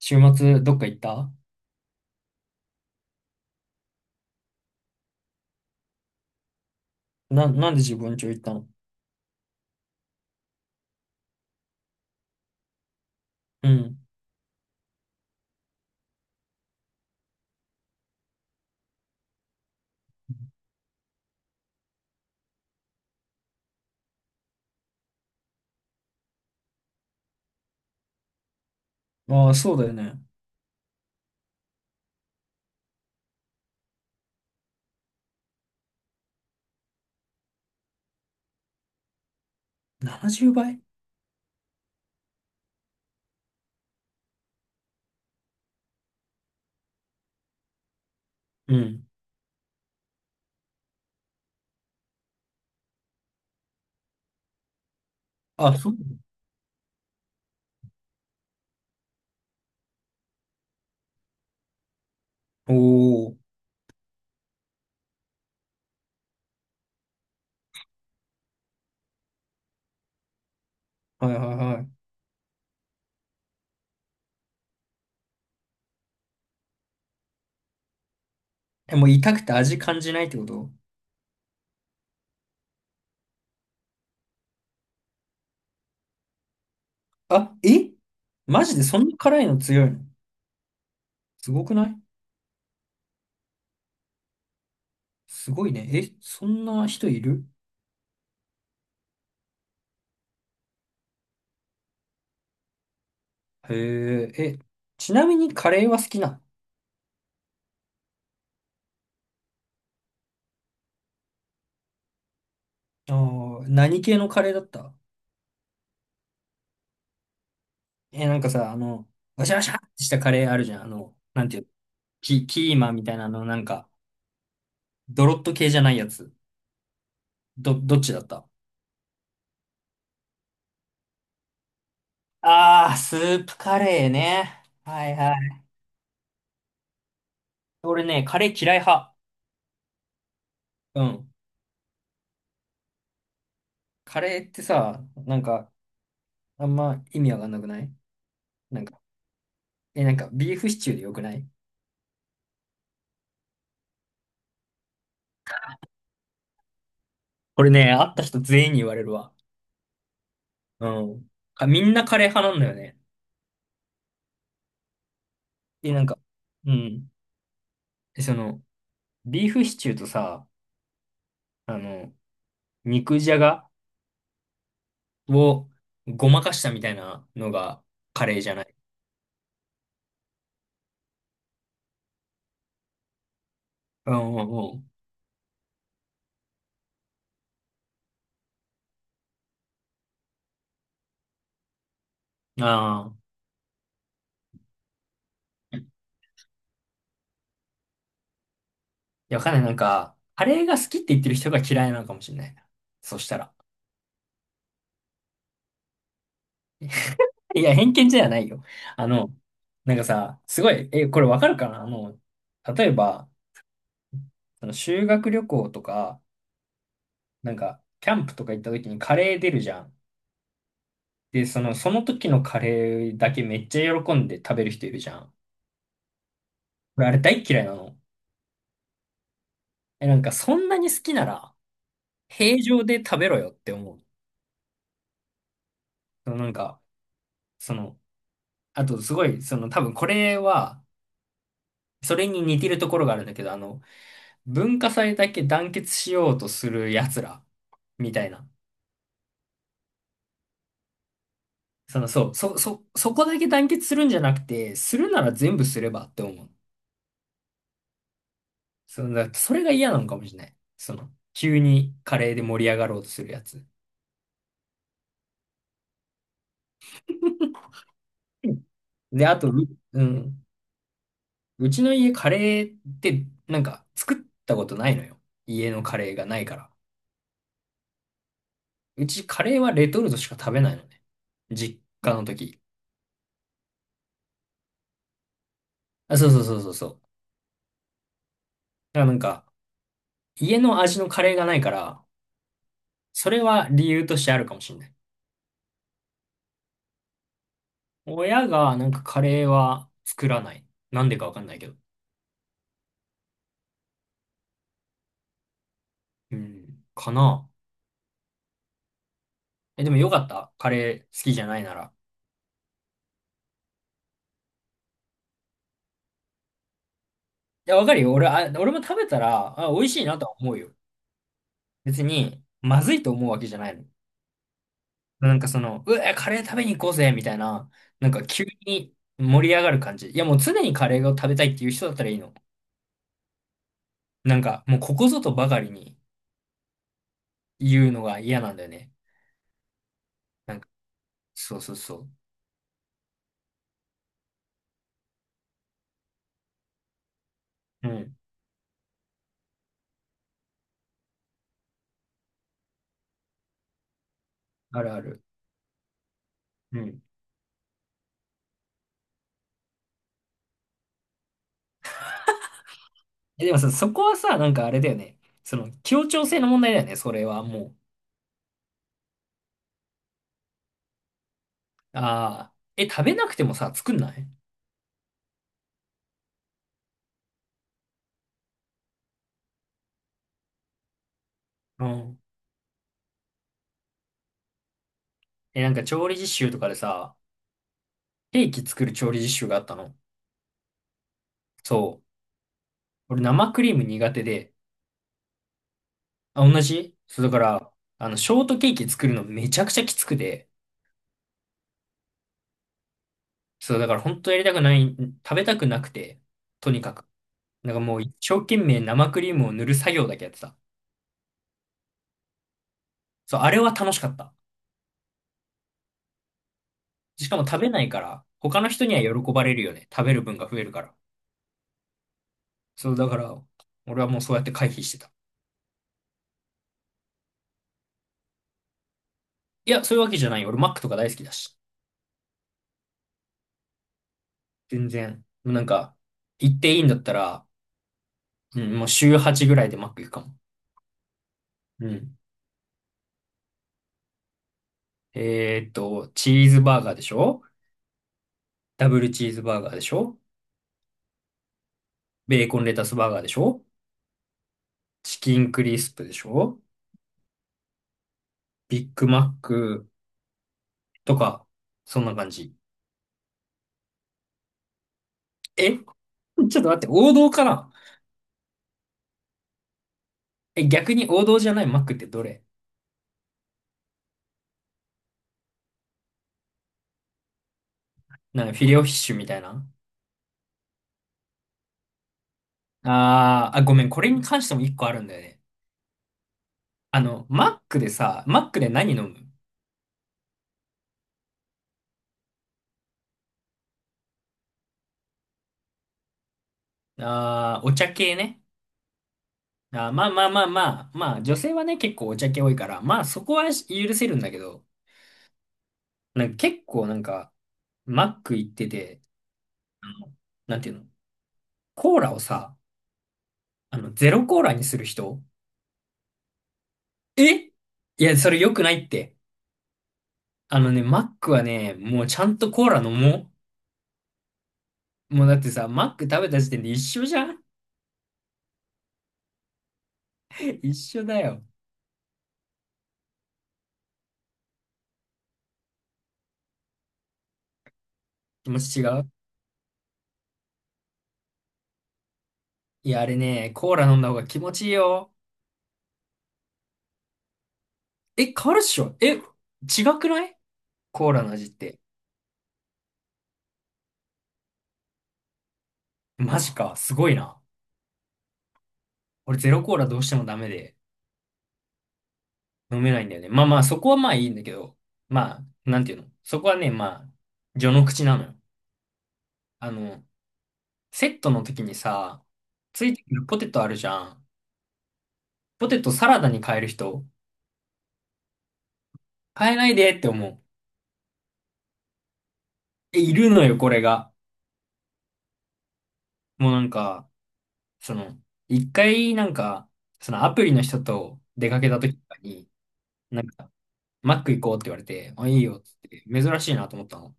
週末どっか行った？なんで自分家行ったの？うん。ああ、そうだよね。70倍うばい？うん。あ、そう。おお。はいはいはい。え、もう痛くて味感じないってこと？あ、え？マジでそんな辛いの強いの？すごくない？すごいね。え、そんな人いる？へえ。え、ちなみにカレーは好きなの？あー、何系のカレーだった？え、なんかさ、あの、わしゃわしゃってしたカレーあるじゃん。あの、なんていう？キーマみたいなの、なんか、ドロッと系じゃないやつ。どっちだった？ああ、スープカレーね。はいはい。俺ね、カレー嫌い派。うん。カレーってさ、なんか、あんま意味わかんなくない？なんか、え、なんか、ビーフシチューでよくない？これね、会った人全員に言われるわ。うん。みんなカレー派なんだよね。で、なんか、うん。で、その、ビーフシチューとさ、あの、肉じゃがをごまかしたみたいなのがカレーじゃない？うんうんうん。ああ。や、わかんない。なんか、カレーが好きって言ってる人が嫌いなのかもしれないな。そしたら。いや、偏見じゃないよ。あの、なんかさ、すごい、え、これわかるかな、あの、例えば、その修学旅行とか、なんか、キャンプとか行った時にカレー出るじゃん。で、その、その時のカレーだけめっちゃ喜んで食べる人いるじゃん。俺、あれ大っ嫌いなの。え、なんか、そんなに好きなら、平常で食べろよって思う。そのなんか、その、あと、すごい、その、多分これは、それに似てるところがあるんだけど、あの、文化祭だけ団結しようとする奴ら、みたいな。その、そう、そこだけ団結するんじゃなくて、するなら全部すればって思う。その、だそれが嫌なのかもしれない。その、急にカレーで盛り上がろうとするやつ。うん。で、あと、うん、うちの家カレーって、なんか、作ったことないのよ。家のカレーがないから。うちカレーはレトルトしか食べないのね。実家の時。あ、そうそうそうそうそう。だからなんか、家の味のカレーがないから、それは理由としてあるかもしれない。親がなんかカレーは作らない。なんでかわかんないけど。うん。かな。え、でもよかった。カレー好きじゃないなら。いや、わかるよ。俺も食べたら、あ、美味しいなとは思うよ。別に、まずいと思うわけじゃないの。なんかその、うわ、カレー食べに行こうぜ、みたいな、なんか急に盛り上がる感じ。いや、もう常にカレーを食べたいっていう人だったらいいの。なんか、もうここぞとばかりに言うのが嫌なんだよね。なんか、そうそうそう。うん。あるある。うん。え、でもさ、そこはさ、なんかあれだよね。その、協調性の問題だよね、それはもう。ああ、え、食べなくてもさ、作んない？うん。え、なんか調理実習とかでさ、ケーキ作る調理実習があったの。そう。俺生クリーム苦手で。あ、同じ？そう、だから、あの、ショートケーキ作るのめちゃくちゃきつくて。そう、だから本当やりたくない、食べたくなくて、とにかく。なんかもう一生懸命生クリームを塗る作業だけやってた。そう、あれは楽しかった。しかも食べないから、他の人には喜ばれるよね。食べる分が増えるから。そう、だから、俺はもうそうやって回避してた。いや、そういうわけじゃないよ。俺、マックとか大好きだし。全然。もうなんか、行っていいんだったら、うん、もう週8ぐらいでマック行くかも。うん。チーズバーガーでしょ？ダブルチーズバーガーでしょ？ベーコンレタスバーガーでしょ？チキンクリスプでしょ？ビッグマックとか、そんな感じ。え？ ちょっと待って、王道かな？え、逆に王道じゃないマックってどれ？なんかフィレオフィッシュみたいな。あーあ、ごめん、これに関しても一個あるんだよね。あの、マックでさ、マックで何飲む？ああー、お茶系ね。あーまあまあまあまあ、まあ、女性はね、結構お茶系多いから、まあそこは許せるんだけど、なんか結構なんか、マック行ってて、あの、なんていうの？コーラをさ、あの、ゼロコーラにする人？え？いや、それ良くないって。あのね、マックはね、もうちゃんとコーラ飲もう。もうだってさ、マック食べた時点で一緒じゃん？ 一緒だよ。気持ち違う？いや、あれね、コーラ飲んだ方が気持ちいいよ。え、変わるっしょ？え、違くない？コーラの味って。マジか、すごいな。俺ゼロコーラどうしてもダメで飲めないんだよね。まあまあ、そこはまあいいんだけど、まあ、なんていうの、そこはね、まあ、序の口なのよ。あの、セットの時にさ、ついてくるポテトあるじゃん。ポテトサラダに変える人、変えないでって思う。え、いるのよ、これが。もうなんか、その、一回なんか、そのアプリの人と出かけた時とかに、なんか、マック行こうって言われて、あ、いいよっつって、珍しいなと思ったの。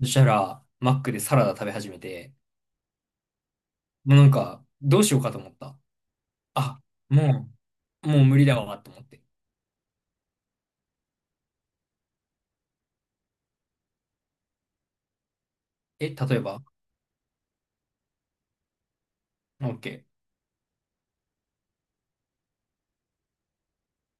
そしたら、マックでサラダ食べ始めて、もうなんか、どうしようかと思った。あ、ももう無理だわと思って。え、例えば？ OK。